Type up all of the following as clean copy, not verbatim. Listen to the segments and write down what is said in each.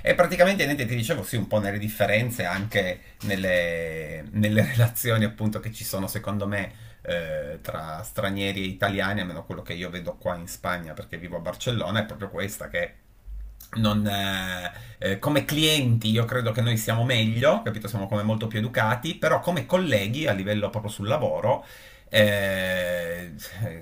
E praticamente niente, ti dicevo sì, un po' nelle differenze anche nelle relazioni appunto che ci sono secondo me tra stranieri e italiani, almeno quello che io vedo qua in Spagna perché vivo a Barcellona, è proprio questa che non, come clienti io credo che noi siamo meglio, capito? Siamo come molto più educati, però come colleghi a livello proprio sul lavoro, eh,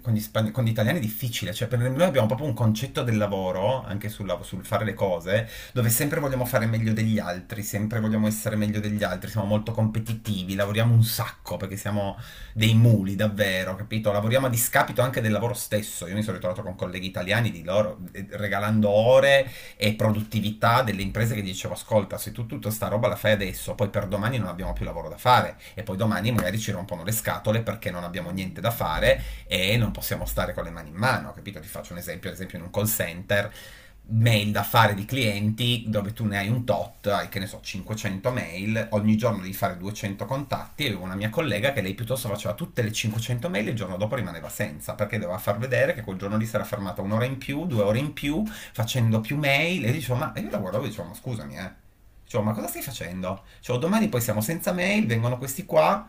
con gli italiani è difficile, cioè per noi abbiamo proprio un concetto del lavoro, anche sul fare le cose, dove sempre vogliamo fare meglio degli altri, sempre vogliamo essere meglio degli altri, siamo molto competitivi, lavoriamo un sacco perché siamo dei muli davvero, capito? Lavoriamo a discapito anche del lavoro stesso. Io mi sono ritrovato con colleghi italiani di loro regalando ore e produttività delle imprese, che dicevo: ascolta, se tu tutta sta roba la fai adesso, poi per domani non abbiamo più lavoro da fare e poi domani magari ci rompono le scatole perché non abbiamo niente da fare e non possiamo stare con le mani in mano, capito? Ti faccio un esempio, ad esempio in un call center mail da fare di clienti dove tu ne hai un tot, hai che ne so, 500 mail, ogni giorno devi fare 200 contatti. E avevo una mia collega che lei piuttosto faceva tutte le 500 mail e il giorno dopo rimaneva senza, perché doveva far vedere che quel giorno lì si era fermata un'ora in più, 2 ore in più, facendo più mail. E io dicevo, ma e io la guardavo e dicevo, ma scusami, eh. Dicevo, ma cosa stai facendo? Dicevo, domani poi siamo senza mail, vengono questi qua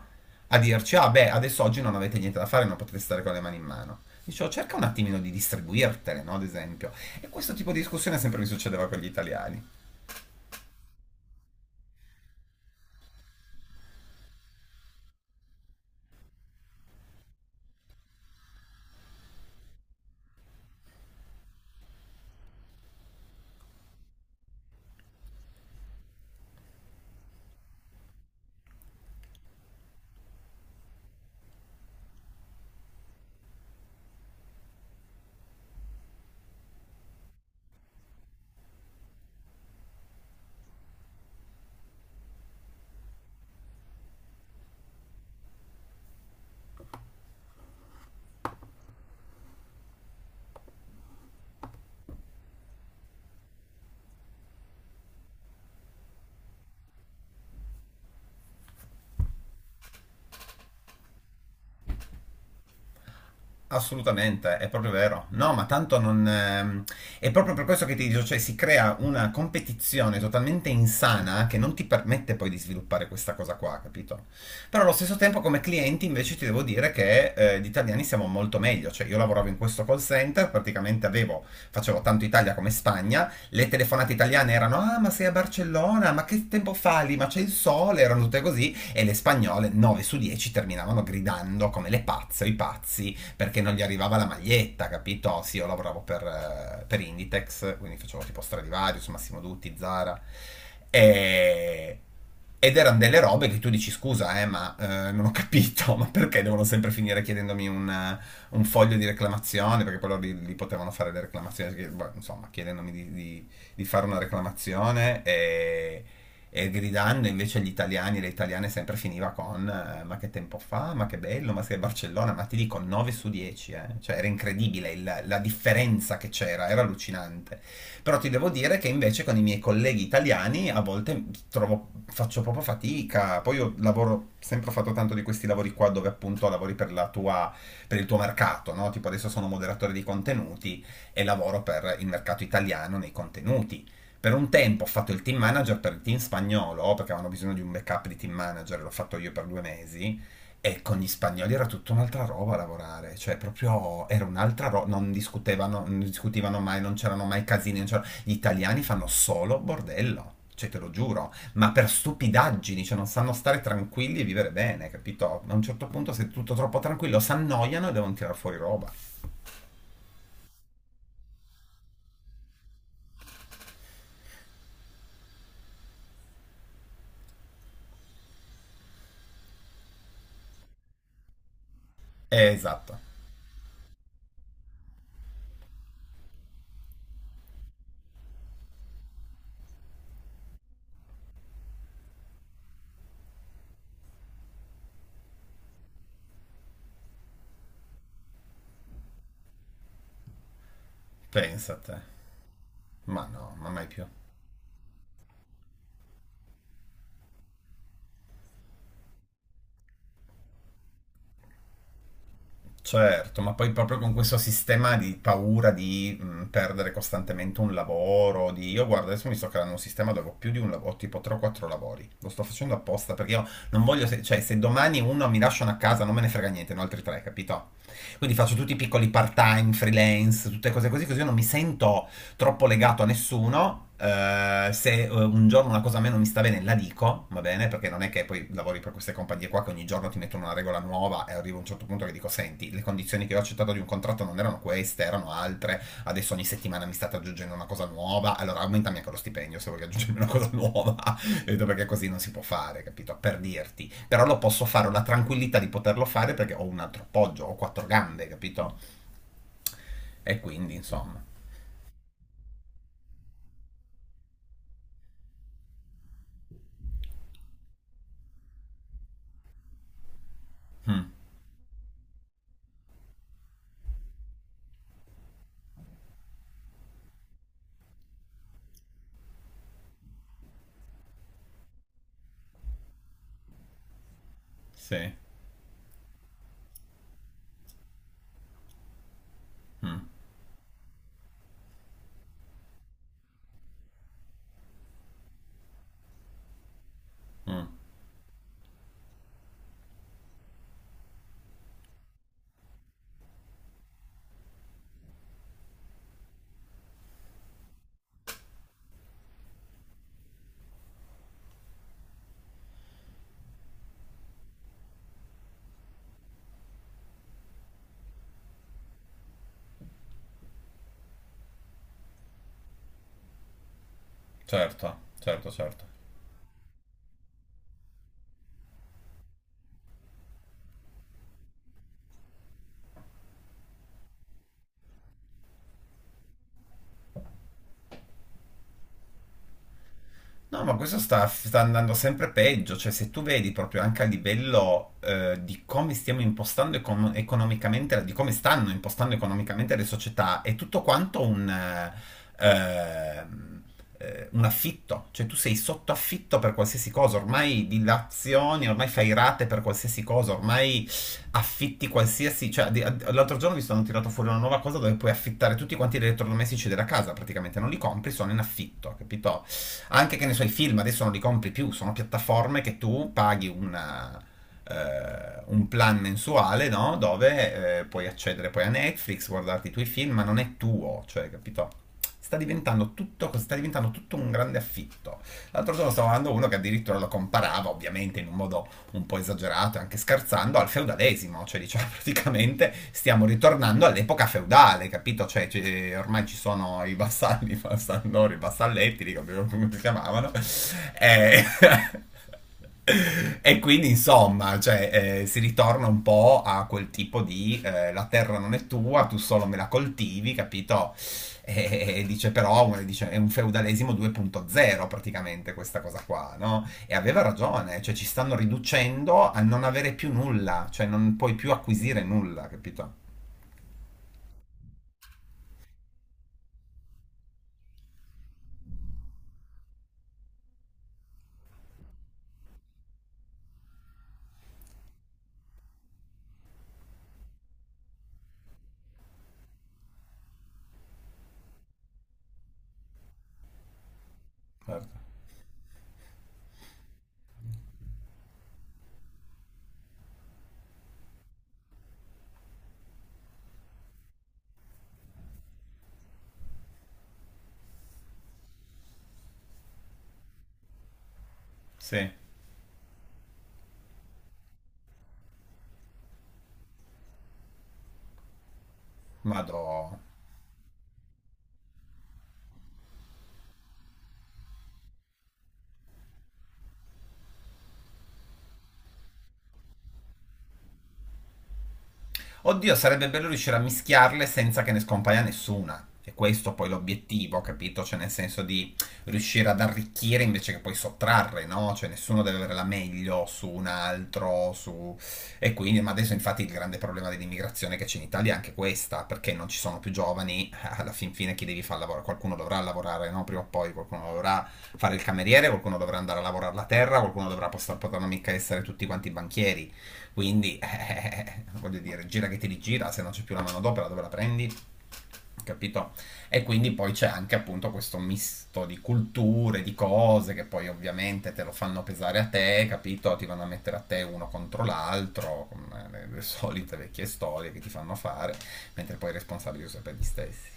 a dirci, ah beh, adesso oggi non avete niente da fare, non potete stare con le mani in mano. Dicevo, cerca un attimino di distribuirtele, no? Ad esempio. E questo tipo di discussione sempre mi succedeva con gli italiani. Assolutamente, è proprio vero. No, ma tanto non. È proprio per questo che ti dico, cioè si crea una competizione totalmente insana che non ti permette poi di sviluppare questa cosa qua, capito? Però allo stesso tempo come clienti invece ti devo dire che gli italiani siamo molto meglio. Cioè io lavoravo in questo call center, praticamente avevo, facevo tanto Italia come Spagna, le telefonate italiane erano: ah, ma sei a Barcellona, ma che tempo fa lì, ma c'è il sole, erano tutte così, e le spagnole 9 su 10 terminavano gridando come le pazze o i pazzi perché non gli arrivava la maglietta, capito? Sì, io lavoravo per Inditex, quindi facevo tipo Stradivarius, Massimo Dutti, Zara. E... Ed erano delle robe che tu dici scusa, ma non ho capito, ma perché devono sempre finire chiedendomi un foglio di reclamazione? Perché poi loro li potevano fare le reclamazioni, che, boh, insomma, chiedendomi fare una reclamazione e gridando, invece agli italiani e alle italiane sempre finiva con ma che tempo fa, ma che bello, ma sei a Barcellona, ma ti dico 9 su 10, eh. Cioè era incredibile la differenza che c'era, era allucinante. Però ti devo dire che invece con i miei colleghi italiani a volte faccio proprio fatica, poi io lavoro, sempre ho fatto tanto di questi lavori qua dove appunto lavori per la tua, per il tuo mercato, no? Tipo adesso sono moderatore di contenuti e lavoro per il mercato italiano nei contenuti. Per un tempo ho fatto il team manager per il team spagnolo, perché avevano bisogno di un backup di team manager, l'ho fatto io per 2 mesi. E con gli spagnoli era tutta un'altra roba a lavorare, cioè proprio era un'altra roba, non discutevano, non discutivano mai, non c'erano mai casini, non c'erano- gli italiani fanno solo bordello, cioè te lo giuro, ma per stupidaggini, cioè non sanno stare tranquilli e vivere bene, capito? A un certo punto se è tutto troppo tranquillo, si annoiano e devono tirare fuori roba. Esatto, pensa a te. Ma no, ma mai più. Certo, ma poi proprio con questo sistema di paura di perdere costantemente un lavoro, di. Io guarda, adesso mi sto creando un sistema dove ho più di un lavoro, ho tipo 3-4 lavori. Lo sto facendo apposta perché io non voglio. Cioè, se domani uno mi lasciano a casa non me ne frega niente, ne ho altri tre, capito? Quindi faccio tutti i piccoli part-time, freelance, tutte cose così, così io non mi sento troppo legato a nessuno. Se un giorno una cosa a me non mi sta bene, la dico, va bene? Perché non è che poi lavori per queste compagnie qua che ogni giorno ti mettono una regola nuova e arriva a un certo punto che dico: senti, le condizioni che ho accettato di un contratto non erano queste, erano altre. Adesso ogni settimana mi state aggiungendo una cosa nuova. Allora aumentami anche lo stipendio se vuoi aggiungermi una cosa nuova. Capito? Perché così non si può fare, capito? Per dirti. Però lo posso fare, ho la tranquillità di poterlo fare perché ho un altro appoggio, ho quattro gambe, capito? E quindi, insomma. Mm, sì. Mm. Certo, certo, certo. No, ma questo sta andando sempre peggio, cioè se tu vedi proprio anche a livello di come stiamo impostando economicamente, di come stanno impostando economicamente le società, è tutto quanto ehm, un affitto, cioè tu sei sotto affitto per qualsiasi cosa, ormai dilazioni, ormai fai rate per qualsiasi cosa, ormai affitti qualsiasi, cioè l'altro giorno mi sono tirato fuori una nuova cosa dove puoi affittare tutti quanti gli elettrodomestici della casa, praticamente non li compri, sono in affitto, capito? Anche che ne so i film adesso non li compri più, sono piattaforme che tu paghi un plan mensuale, no? Dove puoi accedere poi a Netflix, guardarti i tuoi film, ma non è tuo, cioè, capito? Sta diventando tutto un grande affitto. L'altro giorno stavo guardando uno che addirittura lo comparava, ovviamente in un modo un po' esagerato e anche scherzando, al feudalesimo, cioè diciamo praticamente stiamo ritornando all'epoca feudale, capito? Cioè, ormai ci sono i vassalli, i vassallori, i vassalletti, dico, come si chiamavano, e... E quindi insomma, cioè, si ritorna un po' a quel tipo di la terra non è tua, tu solo me la coltivi, capito? E dice, però, dice, è un feudalesimo 2.0 praticamente, questa cosa qua, no? E aveva ragione, cioè ci stanno riducendo a non avere più nulla, cioè non puoi più acquisire nulla, capito? Certo. Sì, vado. Oddio, sarebbe bello riuscire a mischiarle senza che ne scompaia nessuna. E questo poi è l'obiettivo, capito? Cioè nel senso di riuscire ad arricchire invece che poi sottrarre, no? Cioè nessuno deve avere la meglio su un altro, su. E quindi, ma adesso infatti il grande problema dell'immigrazione che c'è in Italia è anche questa, perché non ci sono più giovani, alla fin fine chi devi far lavorare? Qualcuno dovrà lavorare, no? Prima o poi qualcuno dovrà fare il cameriere, qualcuno dovrà andare a lavorare la terra, qualcuno dovrà poter, potranno mica essere tutti quanti banchieri. Quindi, voglio dire, gira che te li gira, se non c'è più la manodopera dove la prendi? Capito? E quindi poi c'è anche appunto questo misto di culture, di cose che poi ovviamente te lo fanno pesare a te, capito? Ti vanno a mettere a te uno contro l'altro, con le solite vecchie storie che ti fanno fare, mentre poi i responsabili sono sempre gli stessi.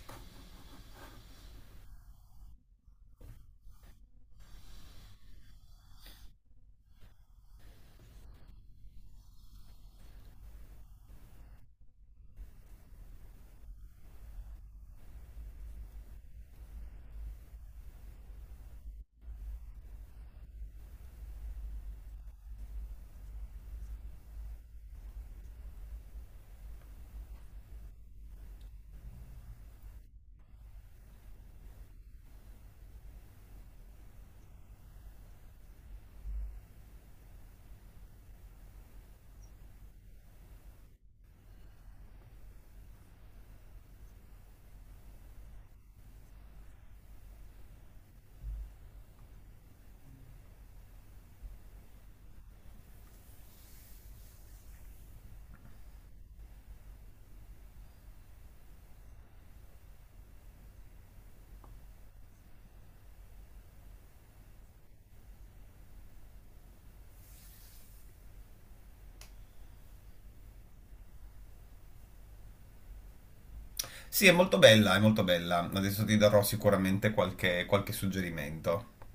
Sì, è molto bella, è molto bella. Adesso ti darò sicuramente qualche suggerimento.